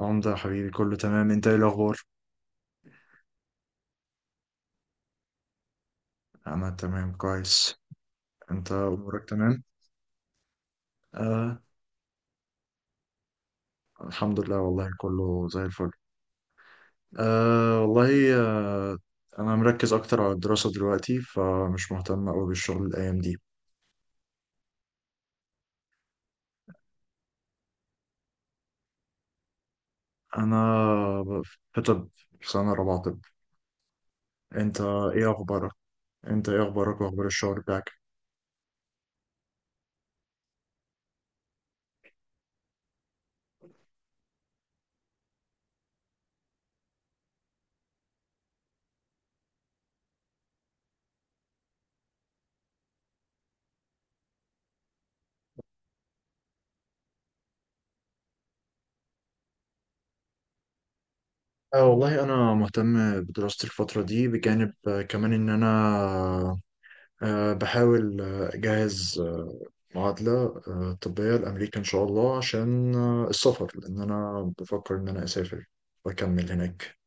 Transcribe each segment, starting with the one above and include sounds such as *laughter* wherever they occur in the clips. عمدة يا حبيبي، كله تمام، انت ايه الاخبار؟ انا تمام، كويس. انت امورك تمام؟ آه. الحمد لله، والله كله زي الفل. آه، والله، آه. انا مركز اكتر على الدراسة دلوقتي، فمش مهتم قوي بالشغل الايام دي. انا ب- في طب. في سنة رابعة طب. انت ايه اخبارك انت ايه اخبارك واخبار الشغل بتاعك؟ آه، والله انا مهتم بدراستي الفترة دي، بجانب كمان ان انا بحاول أجهز معادلة طبية لأمريكا إن شاء الله، عشان السفر، لأن أنا بفكر إن أنا أسافر وأكمل هناك.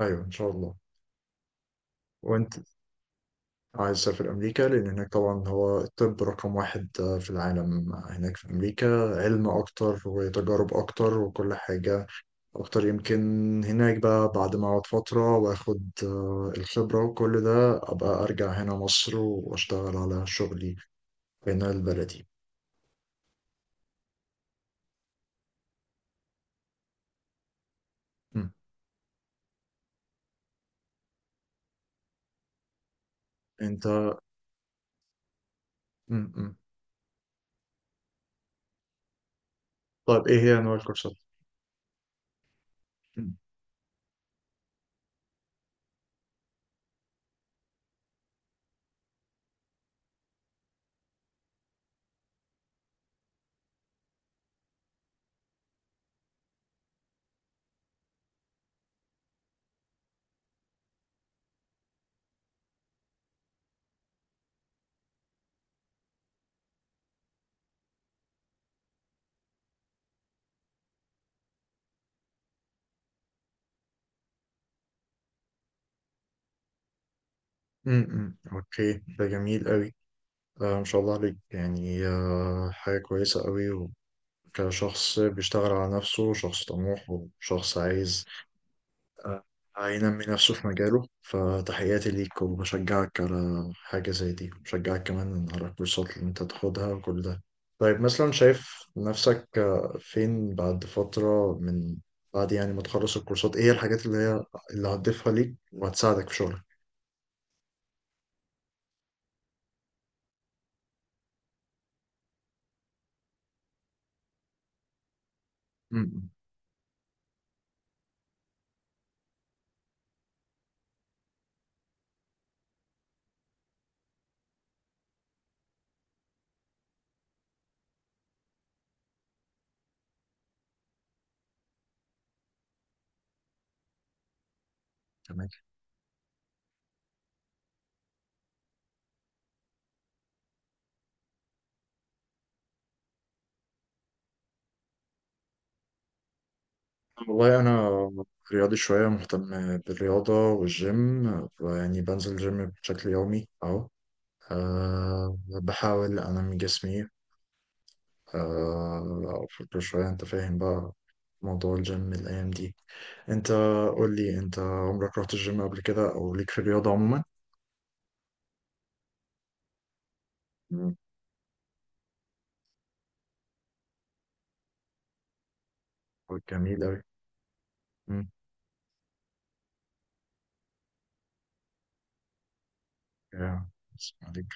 أيوه، إن شاء الله. وأنت؟ عايز تسافر أمريكا، لأن هناك طبعا هو الطب رقم 1 في العالم، هناك في أمريكا. علم أكتر وتجارب أكتر وكل حاجة أكتر يمكن. هناك بقى بعد ما أقعد فترة وآخد الخبرة وكل ده، أبقى أرجع هنا مصر وأشتغل على شغلي هنا البلدي. انت م -م. طيب، ايه هي انواع الكورسات؟ م- م- م. اوكي، ده جميل قوي. ما شاء الله عليك، يعني حاجة كويسة قوي. وكشخص بيشتغل على نفسه، شخص طموح وشخص عايز آه، هينمي نفسه في مجاله، فتحياتي ليك وبشجعك على حاجة زي دي، وبشجعك كمان على الكورسات اللي انت تاخدها وكل ده. طيب، مثلا شايف نفسك فين بعد فترة، من بعد يعني ما تخلص الكورسات؟ ايه هي الحاجات اللي هتضيفها ليك وهتساعدك في شغلك؟ امم. تمام. والله انا رياضي شويه، مهتم بالرياضه والجيم، يعني بنزل جيم بشكل يومي اهو. بحاول انمي جسمي. أفكر شوية. أنت فاهم بقى موضوع الجيم الأيام دي. أنت قول لي، أنت عمرك رحت الجيم قبل كده، أو ليك في الرياضة عموما؟ مم. جميل أوي. مم. يا، بسم الله عليك.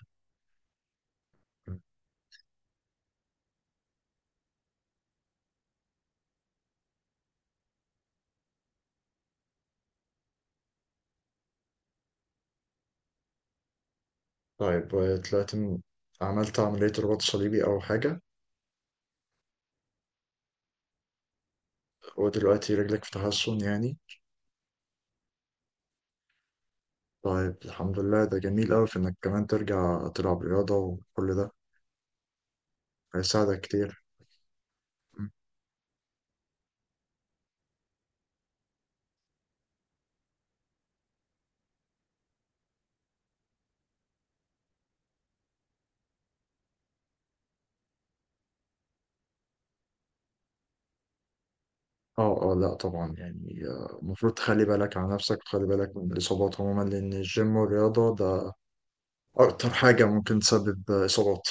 طيب، طلعت من- عملت عملية رباط صليبي أو حاجة؟ ودلوقتي رجلك في تحسن يعني؟ طيب، الحمد لله. ده جميل أوي في إنك كمان ترجع تلعب رياضة وكل ده. هيساعدك كتير. اه، اه، لا، طبعا يعني المفروض تخلي بالك على نفسك وتخلي بالك من الإصابات عموما، لأن الجيم والرياضة ده أكتر حاجة ممكن تسبب إصابات.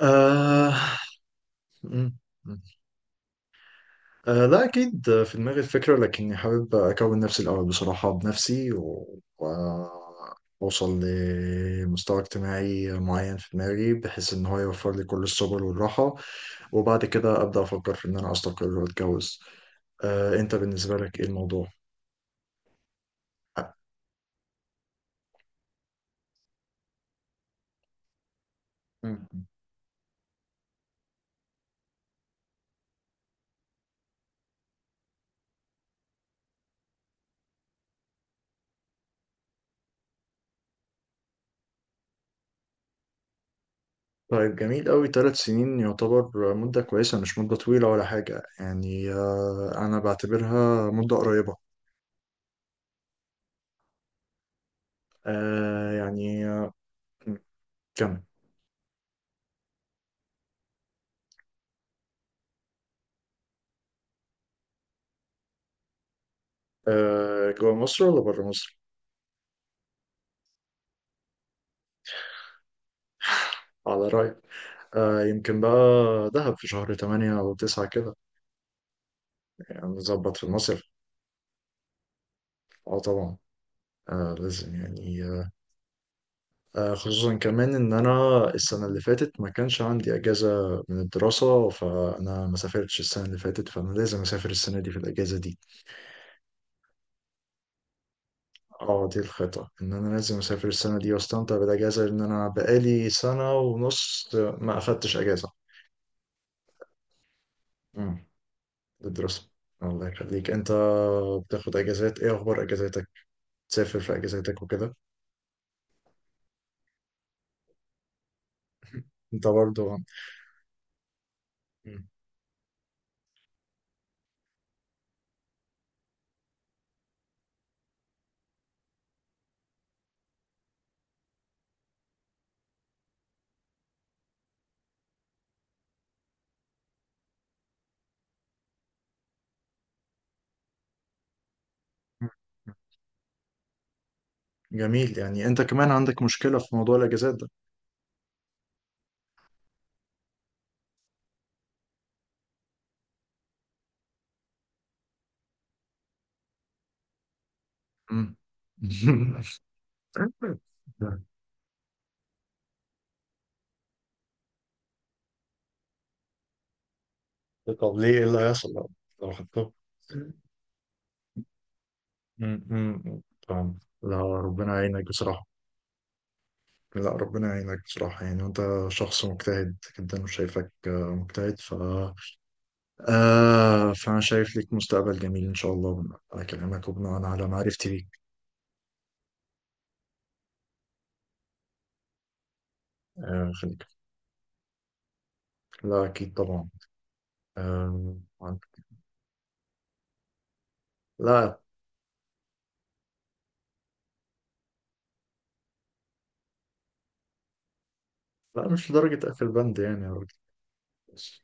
آه... م- م. لا، أكيد في دماغي الفكرة، لكني حابب أكون نفسي الأول بصراحة، بنفسي وأوصل لمستوى اجتماعي معين في دماغي، بحيث إن هو يوفر لي كل السبل والراحة. وبعد كده أبدأ أفكر في إن أنا أستقر وأتجوز. أنت بالنسبة لك إيه الموضوع؟ م- طيب، جميل أوي. 3 سنين يعتبر مدة كويسة، مش مدة طويلة ولا حاجة يعني. أنا بعتبرها مدة قريبة. آه، يعني آه، كم آه، جوا مصر ولا برا مصر؟ على رأيك. يمكن بقى دهب في شهر 8 أو 9 كده. يعني نظبط في المصيف. اه، طبعا. لازم يعني. آه، خصوصا كمان إن أنا السنة اللي فاتت ما كانش عندي أجازة من الدراسة، فأنا ما سافرتش السنة اللي فاتت، فأنا لازم أسافر السنة دي في الأجازة دي. اه، دي الخطة ان انا لازم اسافر السنة دي، واستمتع بالاجازة، لان انا بقالي سنة ونص ما اخدتش اجازة. امم. للدراسة. الله يخليك. انت بتاخد اجازات؟ ايه اخبار اجازاتك؟ تسافر في اجازاتك وكده؟ انت برضو. مم. جميل، يعني انت كمان عندك مشكلة في موضوع الاجازات ده؟ مم. *laughs* طب، ليه؟ ايه اللي هيحصل لو خدته؟ مم. مم. فاهم. لا، ربنا يعينك بصراحة. لا، ربنا يعينك بصراحة يعني، وانت شخص مجتهد جدا، وشايفك مجتهد. ف آه فأنا شايف ليك مستقبل جميل إن شاء الله، بناء على كلامك وبناء على معرفتي ليك. آه، خليك. لا، أكيد طبعا. آه، طبعاً. لا، لا، مش لدرجة أقفل بند يعني يا راجل، بس.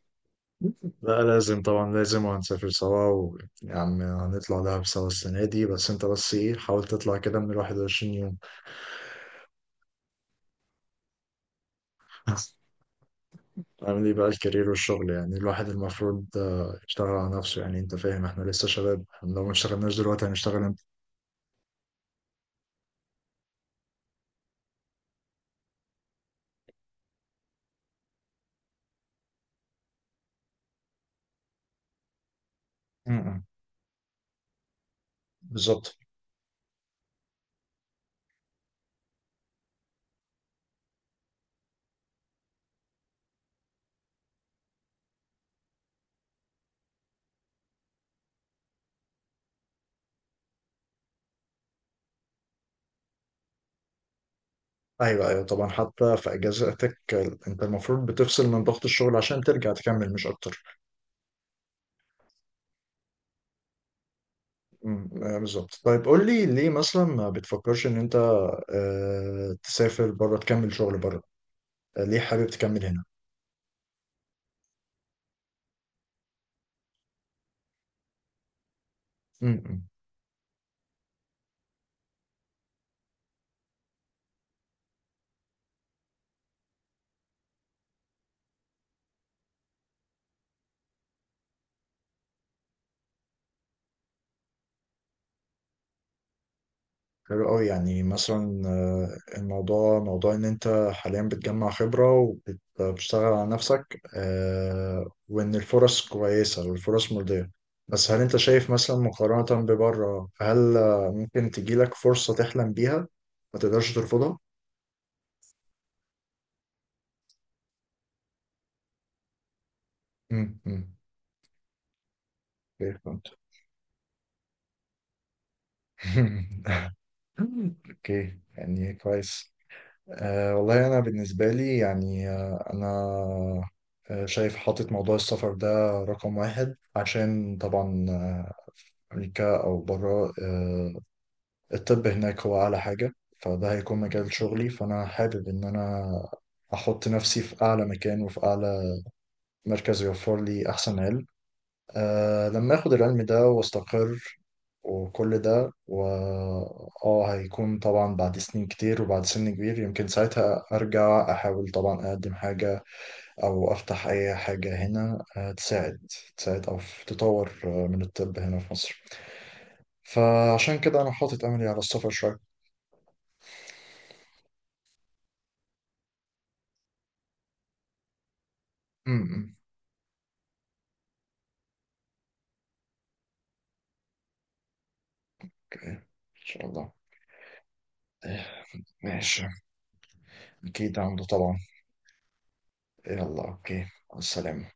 لا، لازم طبعا لازم. وهنسافر سوا، ويا عم هنطلع دهب سوا السنة دي، بس انت، بس ايه، حاول تطلع كده من 21 يوم. *laughs* عامل ايه بقى الكارير والشغل؟ يعني الواحد المفروض يشتغل على نفسه. يعني انت فاهم، احنا لسه شباب، احنا لو ما اشتغلناش دلوقتي هنشتغل امتى؟ امم. بالظبط. ايوه، ايوه، طبعا. حتى في اجازاتك انت المفروض بتفصل من ضغط الشغل عشان ترجع تكمل، مش اكتر. امم. بالظبط. طيب، قول لي ليه مثلا ما بتفكرش ان انت تسافر بره، تكمل شغل بره؟ ليه حابب تكمل هنا؟ امم. حلو أوي، يعني مثلا الموضوع موضوع إن أنت حاليا بتجمع خبرة وبتشتغل على نفسك، وإن الفرص كويسة والفرص مرضية. بس هل أنت شايف مثلا، مقارنة ببره، هل ممكن تجيلك فرصة تحلم بيها ما تقدرش ترفضها؟ امم، امم. اوكي، فهمت. *laughs* اوكي، يعني كويس. والله أنا بالنسبة لي يعني أنا شايف، حاطط موضوع السفر ده رقم 1، عشان طبعا أمريكا أو برا. الطب هناك هو أعلى حاجة. فده هيكون مجال شغلي، فأنا حابب إن أنا أحط نفسي في أعلى مكان وفي أعلى مركز يوفر لي أحسن علم. لما اخد العلم ده واستقر وكل ده و اه هيكون طبعا بعد سنين كتير وبعد سن كبير. يمكن ساعتها ارجع احاول طبعا اقدم حاجة او افتح اي حاجة هنا تساعد، تساعد او تطور من الطب هنا في مصر. فعشان كده انا حاطط املي على السفر شوية. امم. اوكي، ان شاء الله. إيه، ماشي. اكيد عنده طبعا. يلا، اوكي. السلام.